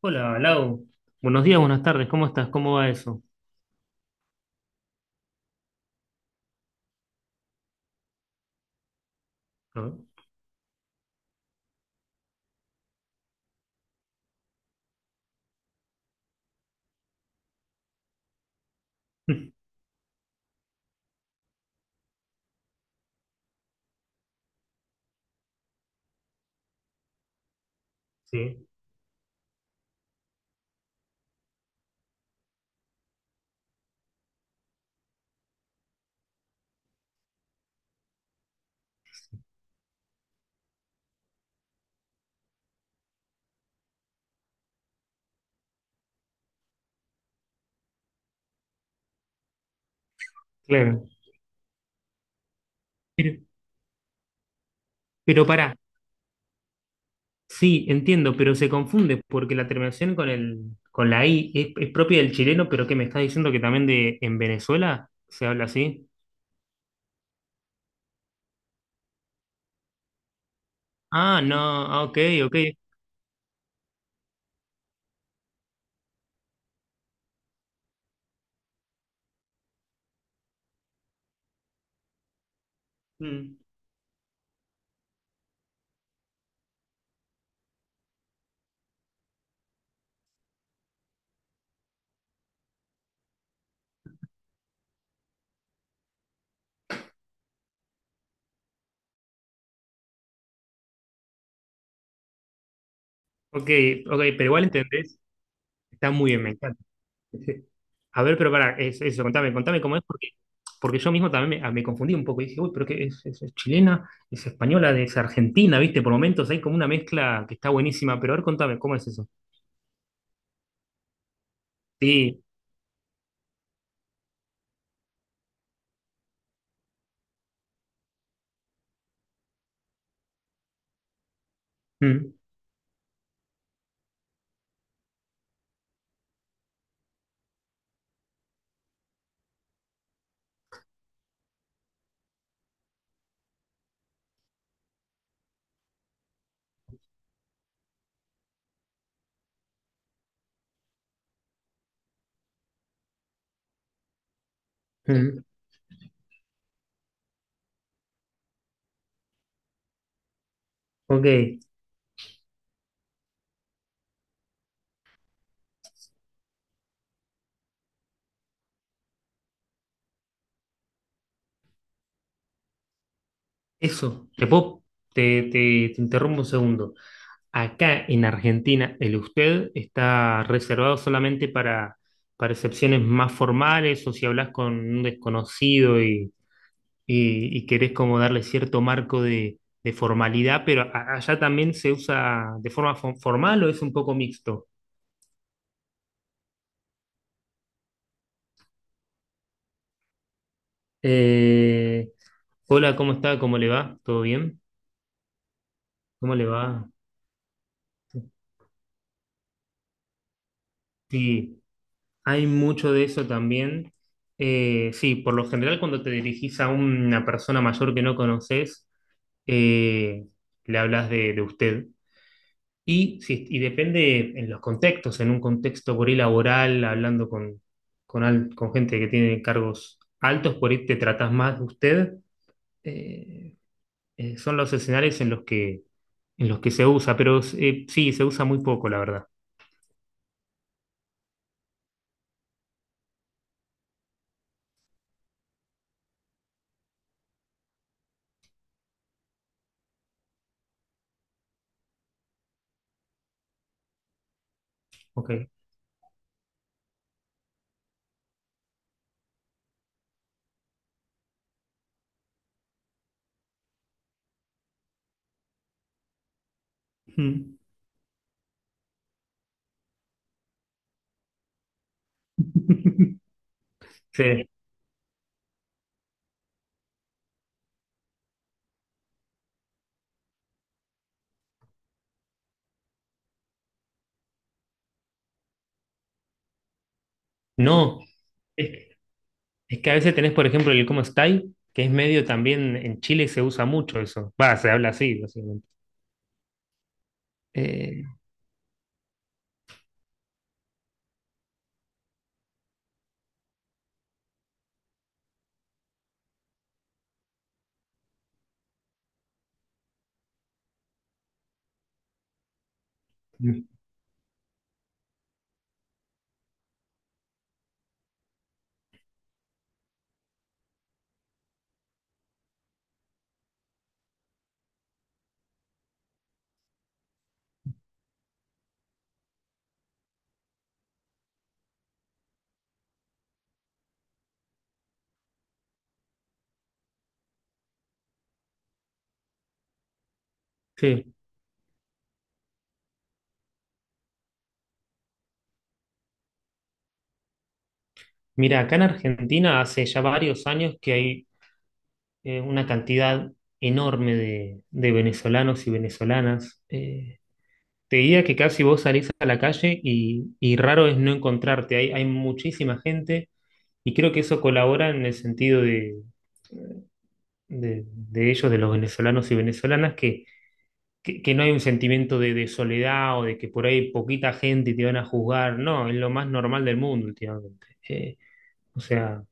Hola, Lau. Buenos días, buenas tardes. ¿Cómo estás? ¿Cómo va eso? ¿No? Sí, claro. Pero, pero pará, sí, entiendo, pero se confunde porque la terminación con el, con la I es propia del chileno, pero ¿qué me estás diciendo que también de en Venezuela se habla así? Ah, no, ah, ok, ok. Mm, ok, ok, pero igual entendés. Está muy bien, me encanta. Sí. A ver, pero para, eso, contame cómo es, porque, porque yo mismo también me confundí un poco y dije, uy, pero es chilena, es española, es argentina, ¿viste? Por momentos hay como una mezcla que está buenísima, pero a ver, contame, ¿cómo es eso? Sí, mm, mm, ok, eso, te, te interrumpo un segundo. Acá en Argentina, el usted está reservado solamente para excepciones más formales o si hablas con un desconocido y querés como darle cierto marco de formalidad, pero allá también se usa de forma formal o es un poco mixto. Eh, Hola, ¿cómo está? ¿Cómo le va? ¿Todo bien? ¿Cómo le va? Sí, hay mucho de eso también. Sí, por lo general cuando te dirigís a una persona mayor que no conoces, eh, le hablas de usted. Y, y depende en los contextos, en un contexto por ahí laboral, hablando con, con gente que tiene cargos altos, por ahí te tratás más de usted. eh, Son los escenarios en los que se usa, pero sí, se usa muy poco, la verdad. Ok. Mm. Sí. No, es, es que a veces tenés, por ejemplo, el cómo estáis, que es medio también en Chile se usa mucho eso. Va, se habla así, básicamente. Eh, sí. Mira, acá en Argentina hace ya varios años que hay una cantidad enorme de venezolanos y venezolanas. Te diría que casi vos salís a la calle y raro es no encontrarte. Hay muchísima gente y creo que eso colabora en el sentido de, de ellos, de los venezolanos y venezolanas, que no hay un sentimiento de soledad o de que por ahí poquita gente y te van a juzgar. No, es lo más normal del mundo últimamente. O sea...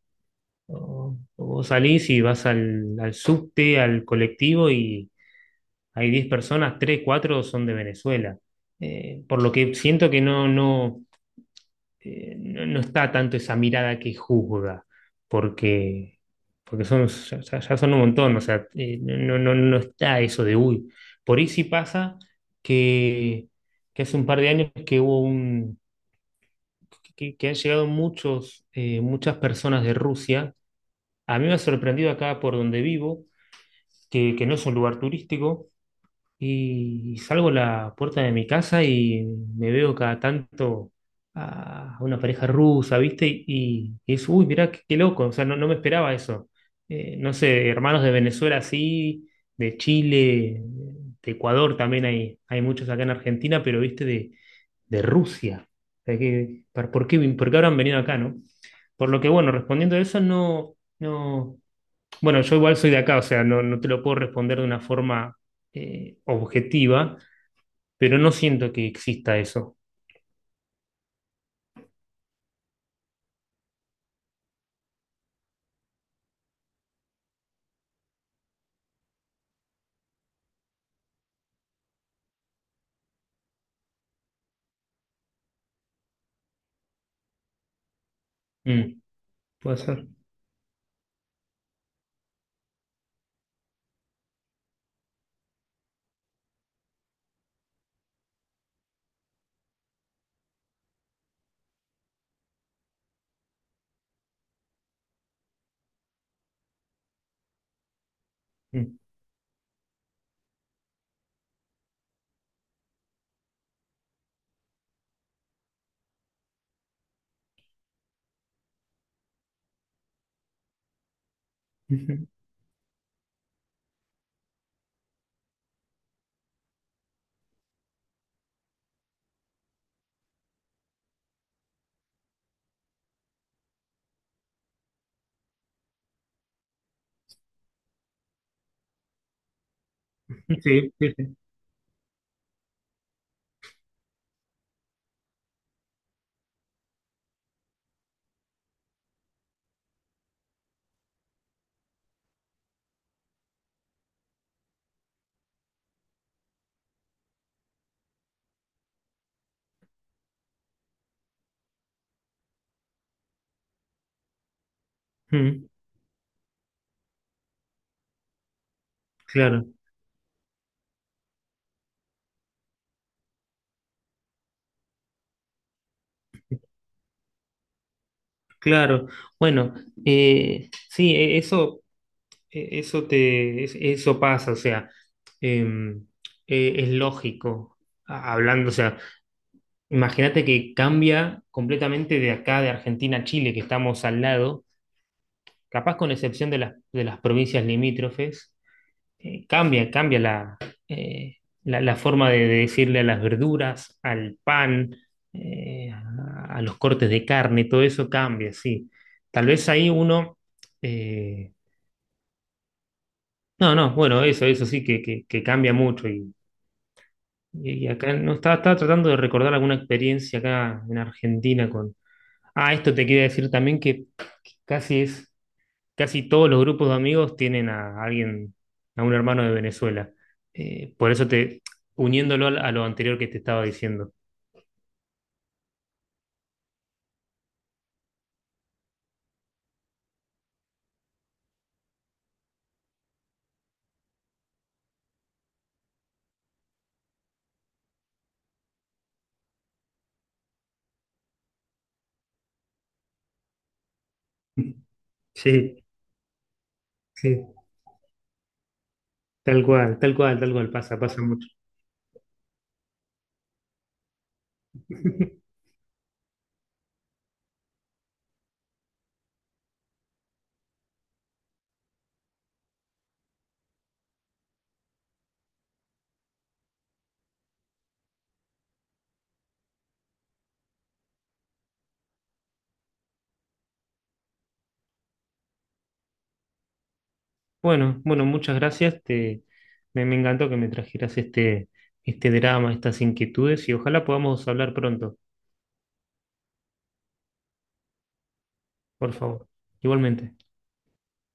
O, o vos salís y vas al, al subte, al colectivo y hay 10 personas, 3 4 son de Venezuela. Por lo que siento que no, no, no, no está tanto esa mirada que juzga, porque, porque son, ya, ya son un montón, o sea, no, no, no no está eso de uy. Por ahí sí pasa que, que hace un par de años que que han llegado muchos, muchas personas de Rusia. A mí me ha sorprendido acá por donde vivo que no es un lugar turístico, y salgo a la puerta de mi casa y me veo cada tanto a una pareja rusa, ¿viste? Y es, uy, mirá, qué, qué loco, o sea, no, no me esperaba eso. No sé, hermanos de Venezuela sí, de Chile, de Ecuador también hay muchos acá en Argentina, pero, ¿viste? De Rusia. O sea, que, ¿por qué, por qué habrán venido acá, no? Por lo que, bueno, respondiendo a eso, no, no. Bueno, yo igual soy de acá, o sea, no, no te lo puedo responder de una forma objetiva, pero no siento que exista eso. Mm, puede ser. Mm. Ujú. Sí, sí, sí. Mm, claro, claro. Bueno, sí, eso, eso te, eso pasa, o sea, em, es lógico, hablando, o sea, imagínate que cambia completamente de acá, de Argentina a Chile, que estamos al lado. Capaz con excepción de las provincias limítrofes, cambia, cambia eh, la, la forma de decirle a las verduras, al pan, a los cortes de carne, todo eso cambia, sí. Tal vez ahí uno... eh, no, no, bueno, eso sí que, que cambia mucho. Y acá no estaba, estaba tratando de recordar alguna experiencia acá en Argentina con. Ah, esto te quería decir también que casi es casi todos los grupos de amigos tienen a alguien, a un hermano de Venezuela. Por eso te, uniéndolo a lo anterior que te estaba diciendo. Sí, sí, tal cual, tal cual, tal cual, pasa, pasa mucho. Bueno, bueno, muchas gracias. Me encantó que me trajeras este, este drama, estas inquietudes y ojalá podamos hablar pronto, por favor. Igualmente.